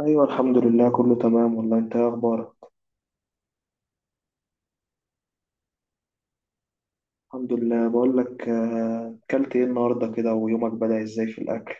ايوه، الحمد لله كله تمام والله. انت ايه اخبارك؟ الحمد لله. بقول لك، اكلت ايه النهارده كده؟ ويومك بدأ ازاي في الاكل؟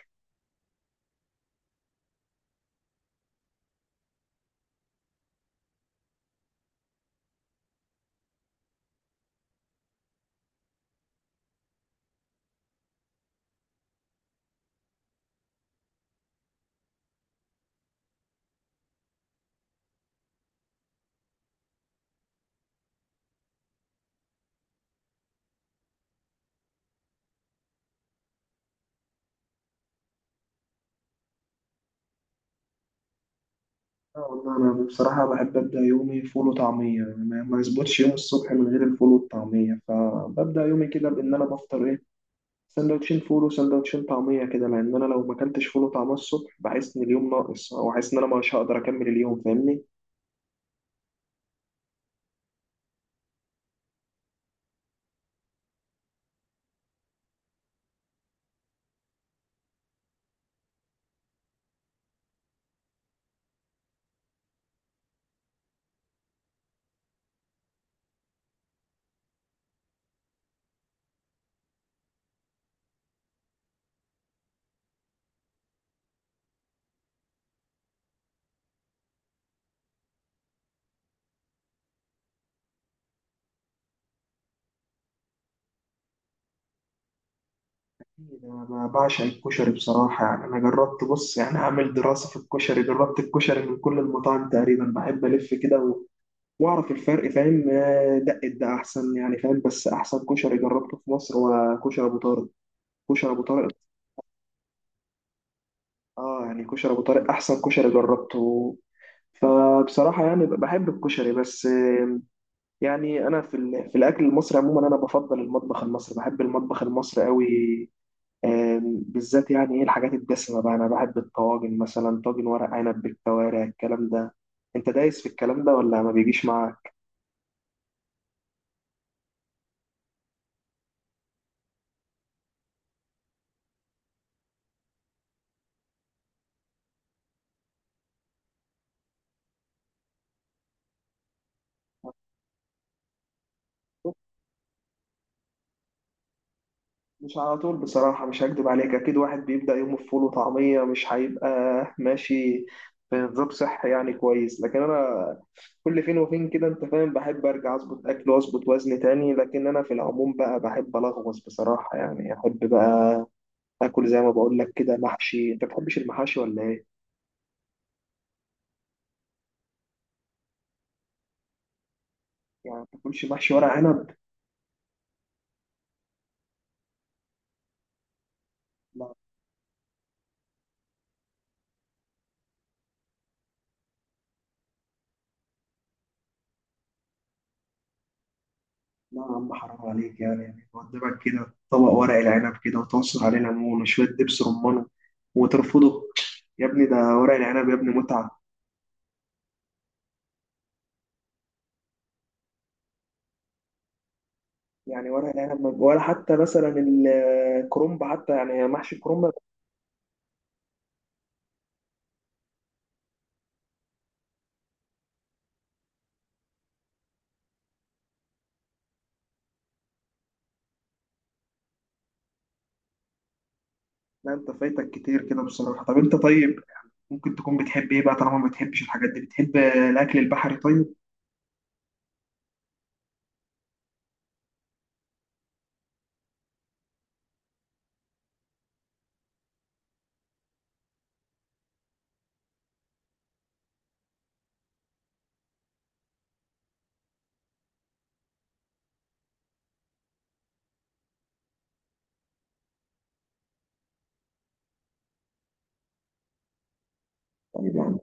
والله انا بصراحه بحب ابدا يومي فول وطعميه. يعني ما يظبطش يوم الصبح من غير الفول والطعميه، فببدا يومي كده بان انا بفطر ايه؟ سندوتشين فول وسندوتشين طعميه، كده لان انا لو ما اكلتش فول وطعميه الصبح بحس ان اليوم ناقص، او حاسس ان انا مش هقدر اكمل اليوم، فاهمني. انا بعشق الكشري بصراحه، يعني انا جربت، بص يعني اعمل دراسه في الكشري، جربت الكشري من كل المطاعم تقريبا، بحب الف كده واعرف الفرق، فاهم؟ دق ده احسن يعني، فاهم؟ بس احسن كشري جربته في مصر هو كشري ابو طارق. كشري ابو طارق. اه يعني كشري ابو طارق احسن كشري جربته. فبصراحه يعني بحب الكشري، بس يعني انا في الاكل المصري عموما انا بفضل المطبخ المصري، بحب المطبخ المصري قوي. بالذات يعني ايه الحاجات الدسمة بقى، انا بحب الطواجن، مثلا طاجن ورق عنب بالكوارع. الكلام ده انت دايس في الكلام ده ولا ما بيجيش معاك؟ مش على طول بصراحة، مش هكدب عليك. اكيد واحد بيبدأ يومه بفول وطعمية مش هيبقى ماشي في نظام صحي يعني كويس، لكن انا كل فين وفين كده، انت فاهم، بحب ارجع اظبط اكل واظبط وزن تاني، لكن انا في العموم بقى بحب الغوص بصراحة، يعني احب بقى اكل زي ما بقول لك كده محشي. انت بتحبش المحاشي ولا ايه؟ يعني ما بتاكلش محشي ورق عنب؟ لا. لا يا عم، حرام عليك، يعني يعني قدامك كده طبق ورق العنب كده، وتعصر عليه ليمون وشوية دبس رمان، وترفضه؟ يا ابني ده ورق العنب، يا ابني متعة. يعني ورق العنب ولا حتى مثلا الكرنب حتى، يعني محشي الكرنب؟ لا، انت فايتك كتير كده بصراحة. طب انت طيب ممكن تكون بتحب ايه بقى طالما ما بتحبش الحاجات دي؟ بتحب الاكل البحري طيب؟ طيب يعني،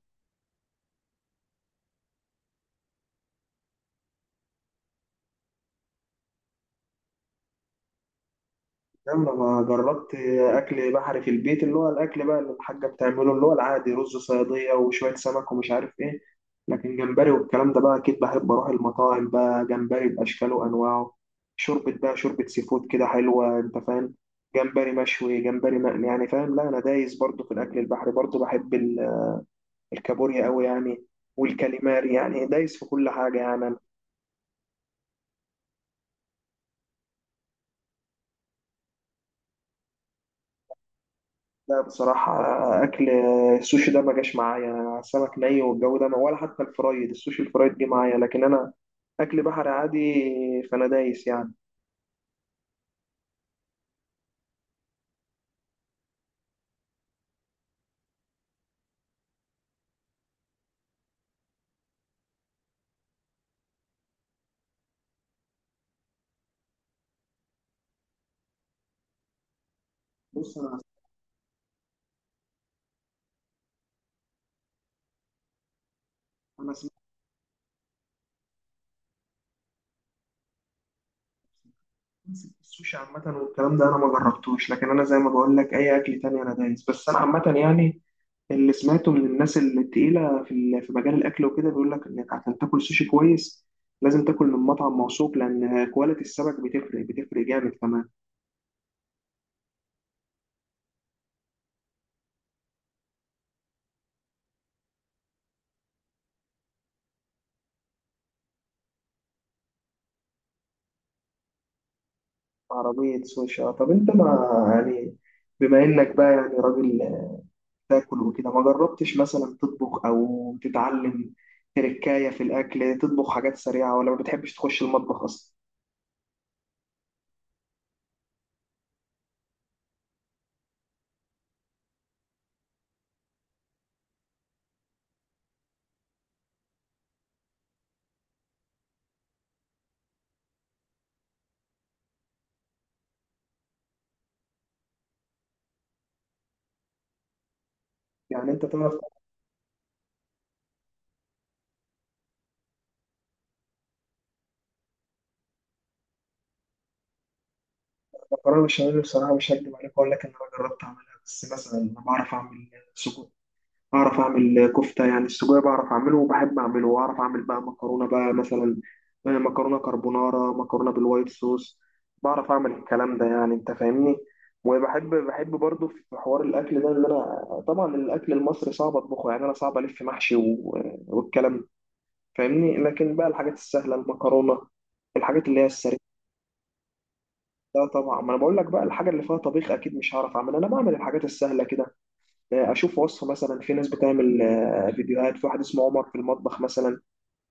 يلا ما جربت اكل بحري في البيت، اللي هو الاكل بقى اللي الحاجه بتعمله اللي هو العادي، رز صياديه وشويه سمك ومش عارف ايه. لكن جمبري والكلام ده بقى اكيد بحب اروح المطاعم بقى، جمبري باشكاله وانواعه، شوربه بقى، شوربه سي فود كده حلوه، انت فاهم، جمبري مشوي جمبري مقلي يعني، فاهم؟ لا انا دايس برضو في الاكل البحري، برضو بحب الكابوريا قوي يعني، والكاليماري، يعني دايس في كل حاجه يعني. لا بصراحة، أكل السوشي ده ما جاش معايا، أنا سمك ني والجو ده ما ولا حتى الفرايد، السوشي الفرايد جه معايا، لكن أنا أكل بحري عادي، فأنا دايس يعني. بص أنا، أنا سمعت السوشي عامة والكلام ده أنا ما جربتوش، لكن أنا زي ما بقول لك أي أكل تاني أنا دايس، بس أنا عامة يعني اللي سمعته من الناس التقيلة في مجال الأكل وكده، بيقول لك إنك عشان تاكل سوشي كويس لازم تاكل من مطعم موثوق، لأن كواليتي السمك بتفرق، بتفرق جامد كمان. عربية سوشي، طب أنت ما يعني، بما إنك بقى يعني راجل تاكل وكده، ما جربتش مثلا تطبخ أو تتعلم تركاية في الأكل، تطبخ حاجات سريعة ولا ما بتحبش تخش المطبخ أصلا؟ يعني أنت تعرف تعمل. مكرونة بشاميل بصراحة مش هكدب عليك، أقول لك إن أنا جربت أعملها. بس مثلا أنا بعرف أعمل سجق، أعرف أعمل كفتة، يعني السجق بعرف أعمله وبحب أعمله، وأعرف أعمل بقى مكرونة بقى، مثلا مكرونة كربونارا، مكرونة بالوايت صوص، بعرف أعمل الكلام ده يعني، أنت فاهمني. وبحب، بحب برضه في حوار الأكل ده إن أنا طبعا الأكل المصري صعب أطبخه، يعني أنا صعب ألف محشي والكلام ده، فاهمني، لكن بقى الحاجات السهلة، المكرونة، الحاجات اللي هي السريعة، ده طبعا. ما أنا بقول لك بقى الحاجة اللي فيها طبيخ أكيد مش هعرف أعملها، أنا بعمل الحاجات السهلة كده، اشوف وصفه مثلا، في ناس بتعمل فيديوهات، في واحد اسمه عمر في المطبخ مثلا،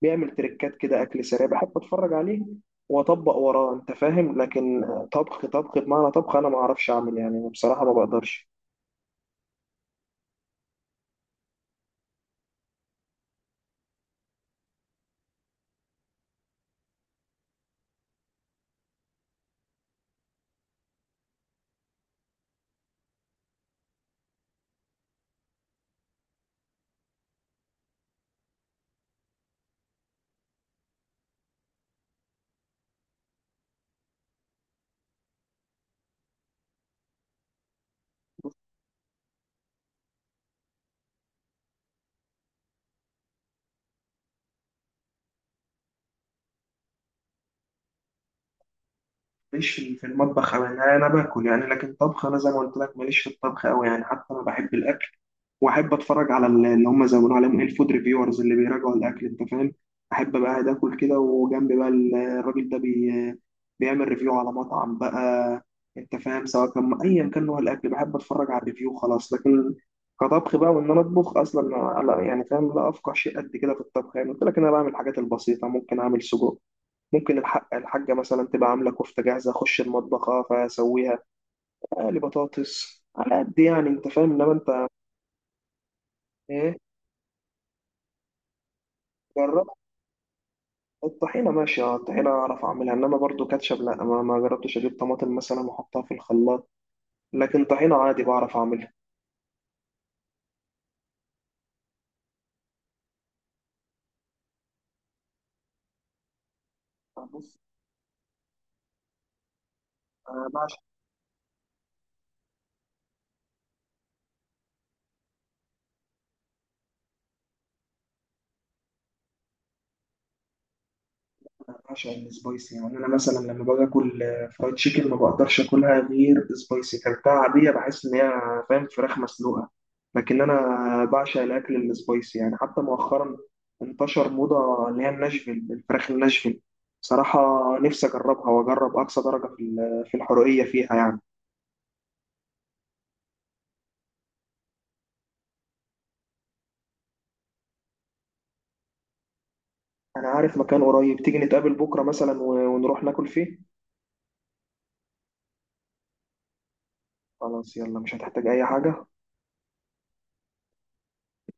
بيعمل تريكات كده، اكل سريع، بحب اتفرج عليه واطبق وراه، انت فاهم. لكن طبخ طبخ بمعنى طبخ انا ما اعرفش اعمل يعني، بصراحه ما بقدرش. ماليش في المطبخ أوي، يعني انا باكل يعني، لكن طبخ انا زي ما قلت لك ماليش في الطبخ قوي يعني. حتى انا بحب الاكل واحب اتفرج على اللي هم زي ما بنقول عليهم ايه، الفود ريفيورز اللي بيراجعوا الاكل، انت فاهم. احب بقى قاعد اكل كده، وجنبي بقى الراجل ده بيعمل ريفيو على مطعم بقى، انت فاهم، سواء كان ايا كان نوع الاكل بحب اتفرج على الريفيو. خلاص. لكن كطبخ بقى وان انا اطبخ اصلا، لا يعني فاهم، لا افقه شيء قد كده في الطبخ يعني. قلت لك إن انا بعمل الحاجات البسيطه، ممكن اعمل سجق، ممكن الحق الحاجه مثلا تبقى عامله كفته جاهزه اخش المطبخ اه فاسويها، اقلي بطاطس على قد يعني، انت فاهم. انما انت ايه جربت؟ الطحينة ماشي، اه الطحينة أعرف أعملها، إنما برضو كاتشب لأ. ما جربتش أجيب طماطم مثلا وأحطها في الخلاط، لكن طحينة عادي بعرف أعملها. بص أنا بعشق أنا بعشق السبايسي، يعني أنا مثلا لما باجي آكل فرايد تشيكن ما بقدرش آكلها غير سبايسي، كلتها عادية بحس إن هي، فاهم، فراخ مسلوقة. لكن أنا بعشق الأكل السبايسي، يعني حتى مؤخرا انتشر موضة اللي هي الناشفيل، الفراخ الناشفيل، بصراحة نفسي أجربها وأجرب أقصى درجة في الحرقية فيها يعني. انا عارف مكان قريب، تيجي نتقابل بكره مثلا ونروح ناكل فيه. خلاص يلا، مش هتحتاج اي حاجه.